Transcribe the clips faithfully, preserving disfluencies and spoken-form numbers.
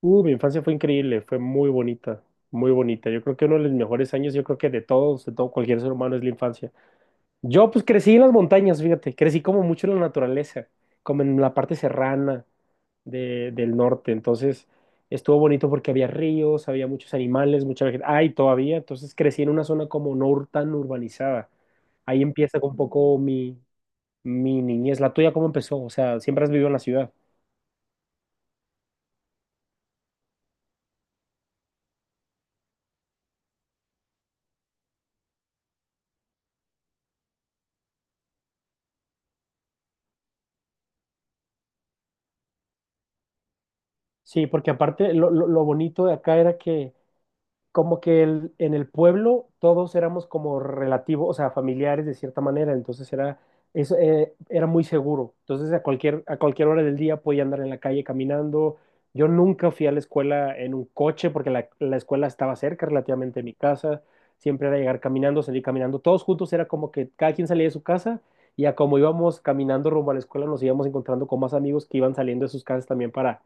Uh, mi infancia fue increíble, fue muy bonita, muy bonita. Yo creo que uno de los mejores años, yo creo que de todos, de todo cualquier ser humano es la infancia. Yo pues crecí en las montañas, fíjate, crecí como mucho en la naturaleza, como en la parte serrana de- del norte. Entonces estuvo bonito porque había ríos, había muchos animales, mucha vegetación. Ay, todavía, entonces crecí en una zona como no ur- tan urbanizada. Ahí empieza un poco mi, mi niñez. ¿La tuya cómo empezó? O sea, ¿siempre has vivido en la ciudad? Sí, porque aparte lo, lo- lo bonito de acá era que como que el- en el pueblo todos éramos como relativos, o sea, familiares de cierta manera, entonces era, eso, eh, era muy seguro. Entonces a cualquier, a cualquier hora del día podía andar en la calle caminando. Yo nunca fui a la escuela en un coche porque la, la escuela estaba cerca relativamente de mi casa. Siempre era llegar caminando, salir caminando. Todos juntos era como que cada quien salía de su casa, y a como íbamos caminando rumbo a la escuela nos íbamos encontrando con más amigos que iban saliendo de sus casas también, para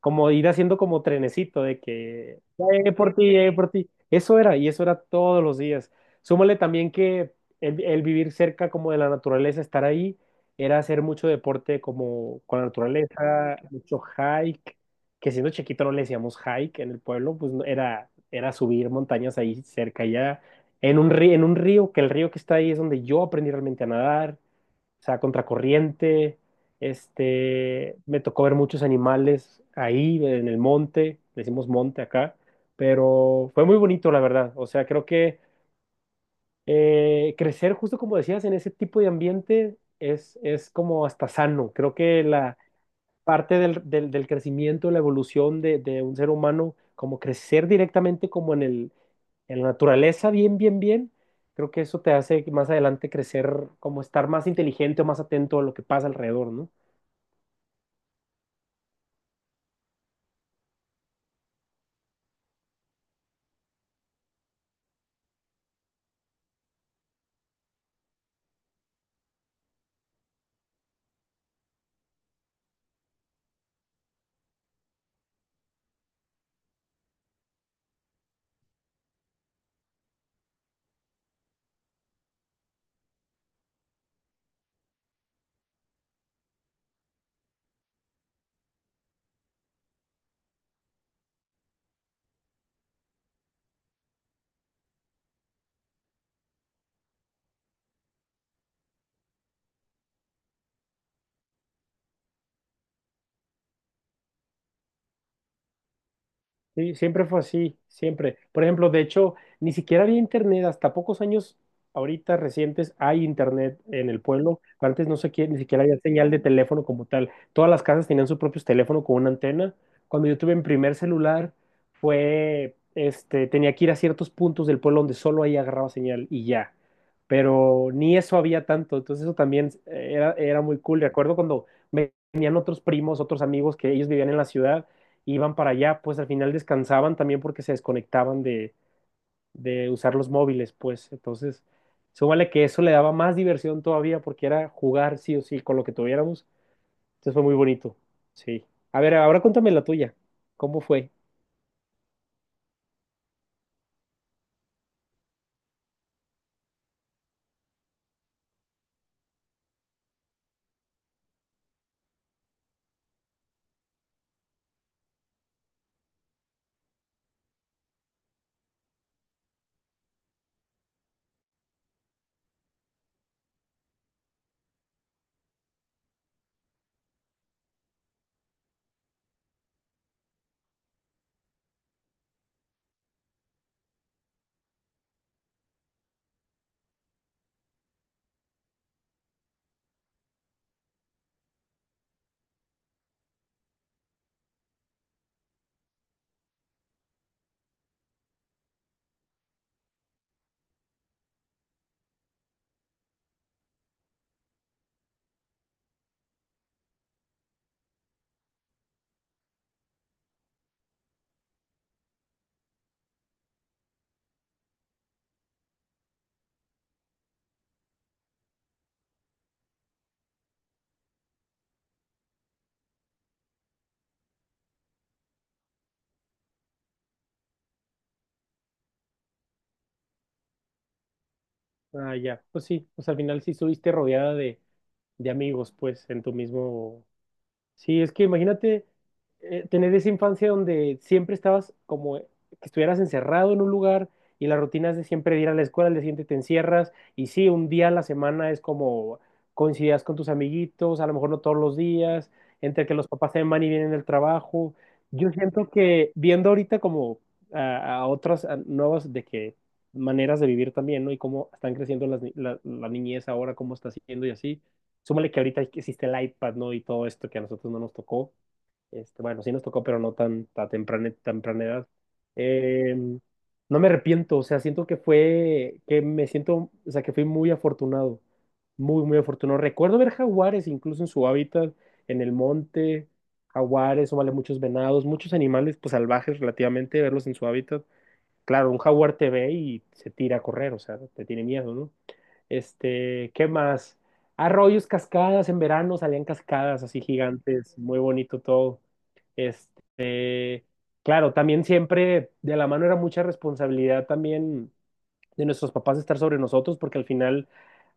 como ir haciendo como trenecito de que ya llegué por ti, ya llegué por ti. Eso era, y eso era todos los días. Súmale también que el, el vivir cerca como de la naturaleza, estar ahí, era hacer mucho deporte como con la naturaleza, mucho hike, que siendo chiquito no le decíamos hike en el pueblo, pues no- era, era subir montañas ahí cerca, ya en un río, en un río, que el río que está ahí es donde yo aprendí realmente a nadar, o sea, contracorriente. Este, me tocó ver muchos animales ahí en el monte, decimos monte acá, pero fue muy bonito, la verdad. O sea, creo que eh, crecer, justo como decías, en ese tipo de ambiente es, es como hasta sano. Creo que la parte del, del, del crecimiento, la evolución de, de un ser humano, como crecer directamente como en el, en la naturaleza bien, bien, bien, creo que eso te hace más adelante crecer, como estar más inteligente o más atento a lo que pasa alrededor, ¿no? Sí, siempre fue así, siempre. Por ejemplo, de hecho, ni siquiera había internet, hasta pocos años ahorita recientes hay internet en el pueblo. pero Antes no sé qué, ni siquiera había señal de teléfono como tal. Todas las casas tenían su propio teléfono con una antena. Cuando yo tuve mi primer celular, fue, este, tenía que ir a ciertos puntos del pueblo donde solo ahí agarraba señal y ya. Pero ni eso había tanto, entonces eso también eh, era, era muy cool. Recuerdo cuando venían otros primos, otros amigos que ellos vivían en la ciudad, iban para allá, pues al final descansaban también porque se desconectaban de, de usar los móviles, pues entonces, súmale que eso le daba más diversión todavía porque era jugar sí o sí con lo que tuviéramos, entonces fue muy bonito, sí. A ver, ahora cuéntame la tuya, ¿cómo fue? Ah, ya, pues sí, pues al final sí estuviste rodeada de, de amigos, pues en tu mismo. Sí, es que imagínate, eh, tener esa infancia donde siempre estabas como, eh, que estuvieras encerrado en un lugar y la rutina es de siempre ir a la escuela, al día siguiente te encierras y sí, un día a la semana es como coincidías con tus amiguitos, a lo mejor no todos los días, entre que los papás se van y vienen del trabajo. Yo siento que viendo ahorita como a, a otras a nuevas de que maneras de vivir también, ¿no? Y cómo están creciendo las, ni- la, la niñez ahora, cómo está siendo y así, súmale que ahorita existe el iPad, ¿no? Y todo esto que a nosotros no nos tocó. Este, bueno, sí nos tocó, pero no tan, tan temprana, temprana edad. Eh, no me arrepiento, o sea, siento que fue, que me siento, o sea, que fui muy afortunado, muy, muy afortunado. Recuerdo ver jaguares incluso en su hábitat, en el monte, jaguares, o vale muchos venados, muchos animales, pues salvajes relativamente, verlos en su hábitat. Claro, un jaguar te ve y se tira a correr, o sea, te tiene miedo, ¿no? Este, ¿qué más? Arroyos, cascadas, en verano salían cascadas así gigantes, muy bonito todo. Este, claro, también siempre de la mano era mucha responsabilidad también de nuestros papás estar sobre nosotros, porque al final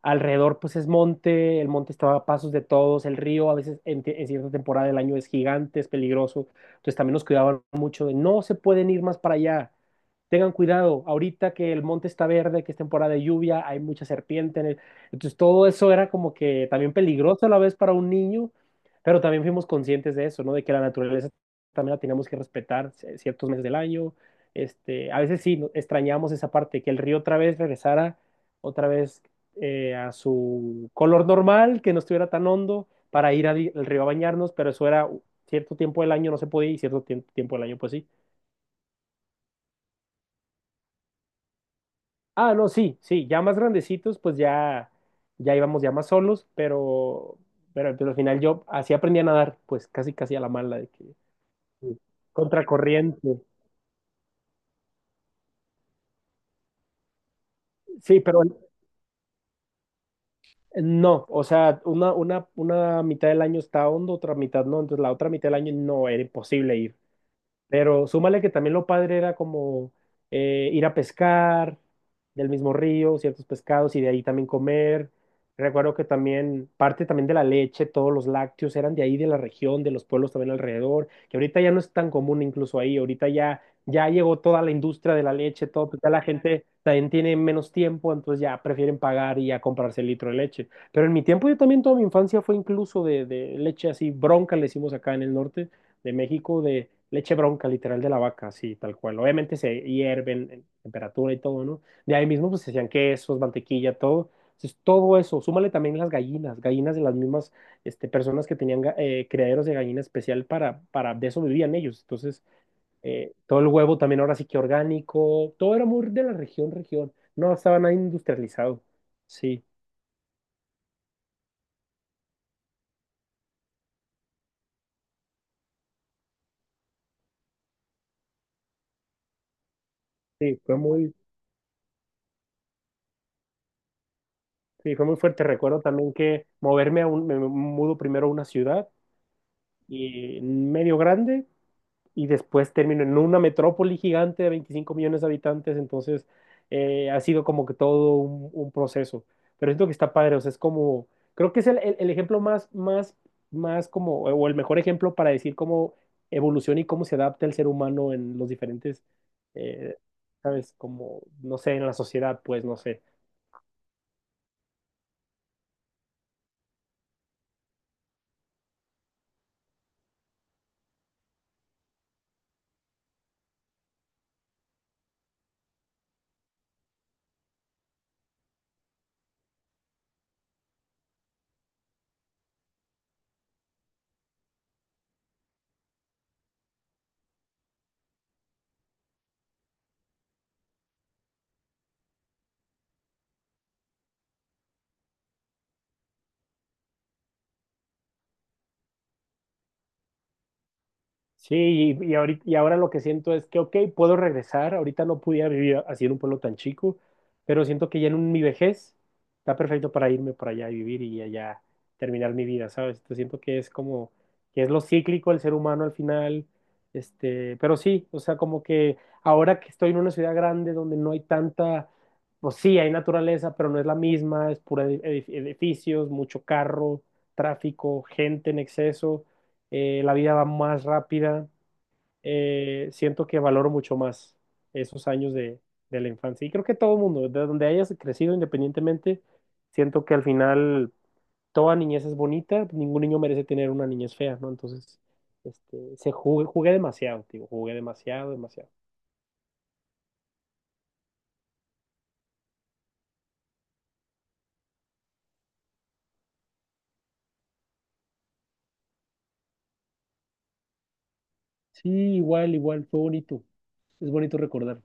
alrededor pues es monte, el monte está a pasos de todos, el río a veces en, te- en cierta temporada del año es gigante, es peligroso, entonces también nos cuidaban mucho de no se pueden ir más para allá, tengan cuidado, ahorita que el monte está verde, que es temporada de lluvia, hay mucha serpiente en el... Entonces todo eso era como que también peligroso a la vez para un niño, pero también fuimos conscientes de eso, ¿no? De que la naturaleza también la teníamos que respetar eh, ciertos meses del año, este, a veces sí no- extrañamos esa parte, que el río otra vez regresara, otra vez eh, a su color normal, que no estuviera tan hondo para ir al, al río a bañarnos, pero eso era cierto tiempo del año no se podía y cierto tiem- tiempo del año pues sí. Ah, no, sí, sí, ya más grandecitos pues ya, ya íbamos ya más solos, pero, pero, pero al final yo así aprendí a nadar, pues casi casi a la mala de que contracorriente. Sí, pero no, o sea, una, una, una mitad del año está hondo, otra mitad no, entonces la otra mitad del año no, era imposible, y pero súmale que también lo padre era como eh, ir a pescar del mismo río, ciertos pescados y de ahí también comer. Recuerdo que también parte también de la leche, todos los lácteos eran de ahí, de la región, de los pueblos también alrededor, que ahorita ya no es tan común incluso ahí, ahorita ya, ya llegó toda la industria de la leche, todo, pues ya la gente también tiene menos tiempo, entonces ya prefieren pagar y ya comprarse el litro de leche. Pero en mi tiempo yo también toda mi infancia fue incluso de, de leche así, bronca le hicimos acá en el norte de México de leche bronca, literal de la vaca, así tal cual. Obviamente se hierven en temperatura y todo, ¿no? De ahí mismo pues se hacían quesos, mantequilla, todo. Entonces todo eso, súmale también las gallinas, gallinas de las mismas este, personas que tenían ga- eh, criaderos de gallina especial para, para, de eso vivían ellos. Entonces eh, todo el huevo también ahora sí que orgánico, todo era muy de la región, región. No estaba nada industrializado. Sí, sí, fue muy, sí, fue muy fuerte. Recuerdo también que moverme a un, me me mudo primero a una ciudad y medio grande y después terminó en una metrópoli gigante de veinticinco millones de habitantes, entonces eh, ha sido como que todo un, un proceso, pero siento que está padre, o sea, es como, creo que es el, el- el ejemplo más, más, más como, o el mejor ejemplo para decir cómo evoluciona y cómo se adapta el ser humano en los diferentes, eh, ¿sabes? Como, no sé, en la sociedad, pues, no sé. Sí, y, y ahorita, y ahora lo que siento es que, ok, puedo regresar, ahorita no pudiera vivir así en un pueblo tan chico, pero siento que ya en un- mi vejez está perfecto para irme por allá y vivir y allá terminar mi vida, ¿sabes? Entonces siento que es como, que es lo cíclico el ser humano al final, este, pero sí, o sea, como que ahora que estoy en una ciudad grande donde no hay tanta, pues sí, hay naturaleza, pero no es la misma, es pura edif- edificios, mucho carro, tráfico, gente en exceso, eh, la vida va más rápida, eh, siento que valoro mucho más esos años de, de la infancia. Y creo que todo mundo, de donde hayas crecido independientemente, siento que al final toda niñez es bonita, ningún niño merece tener una niñez fea, ¿no? Entonces, este, se jugué, jugué demasiado, digo, jugué demasiado, demasiado. Sí, igual, igual, fue bonito. Es bonito recordar.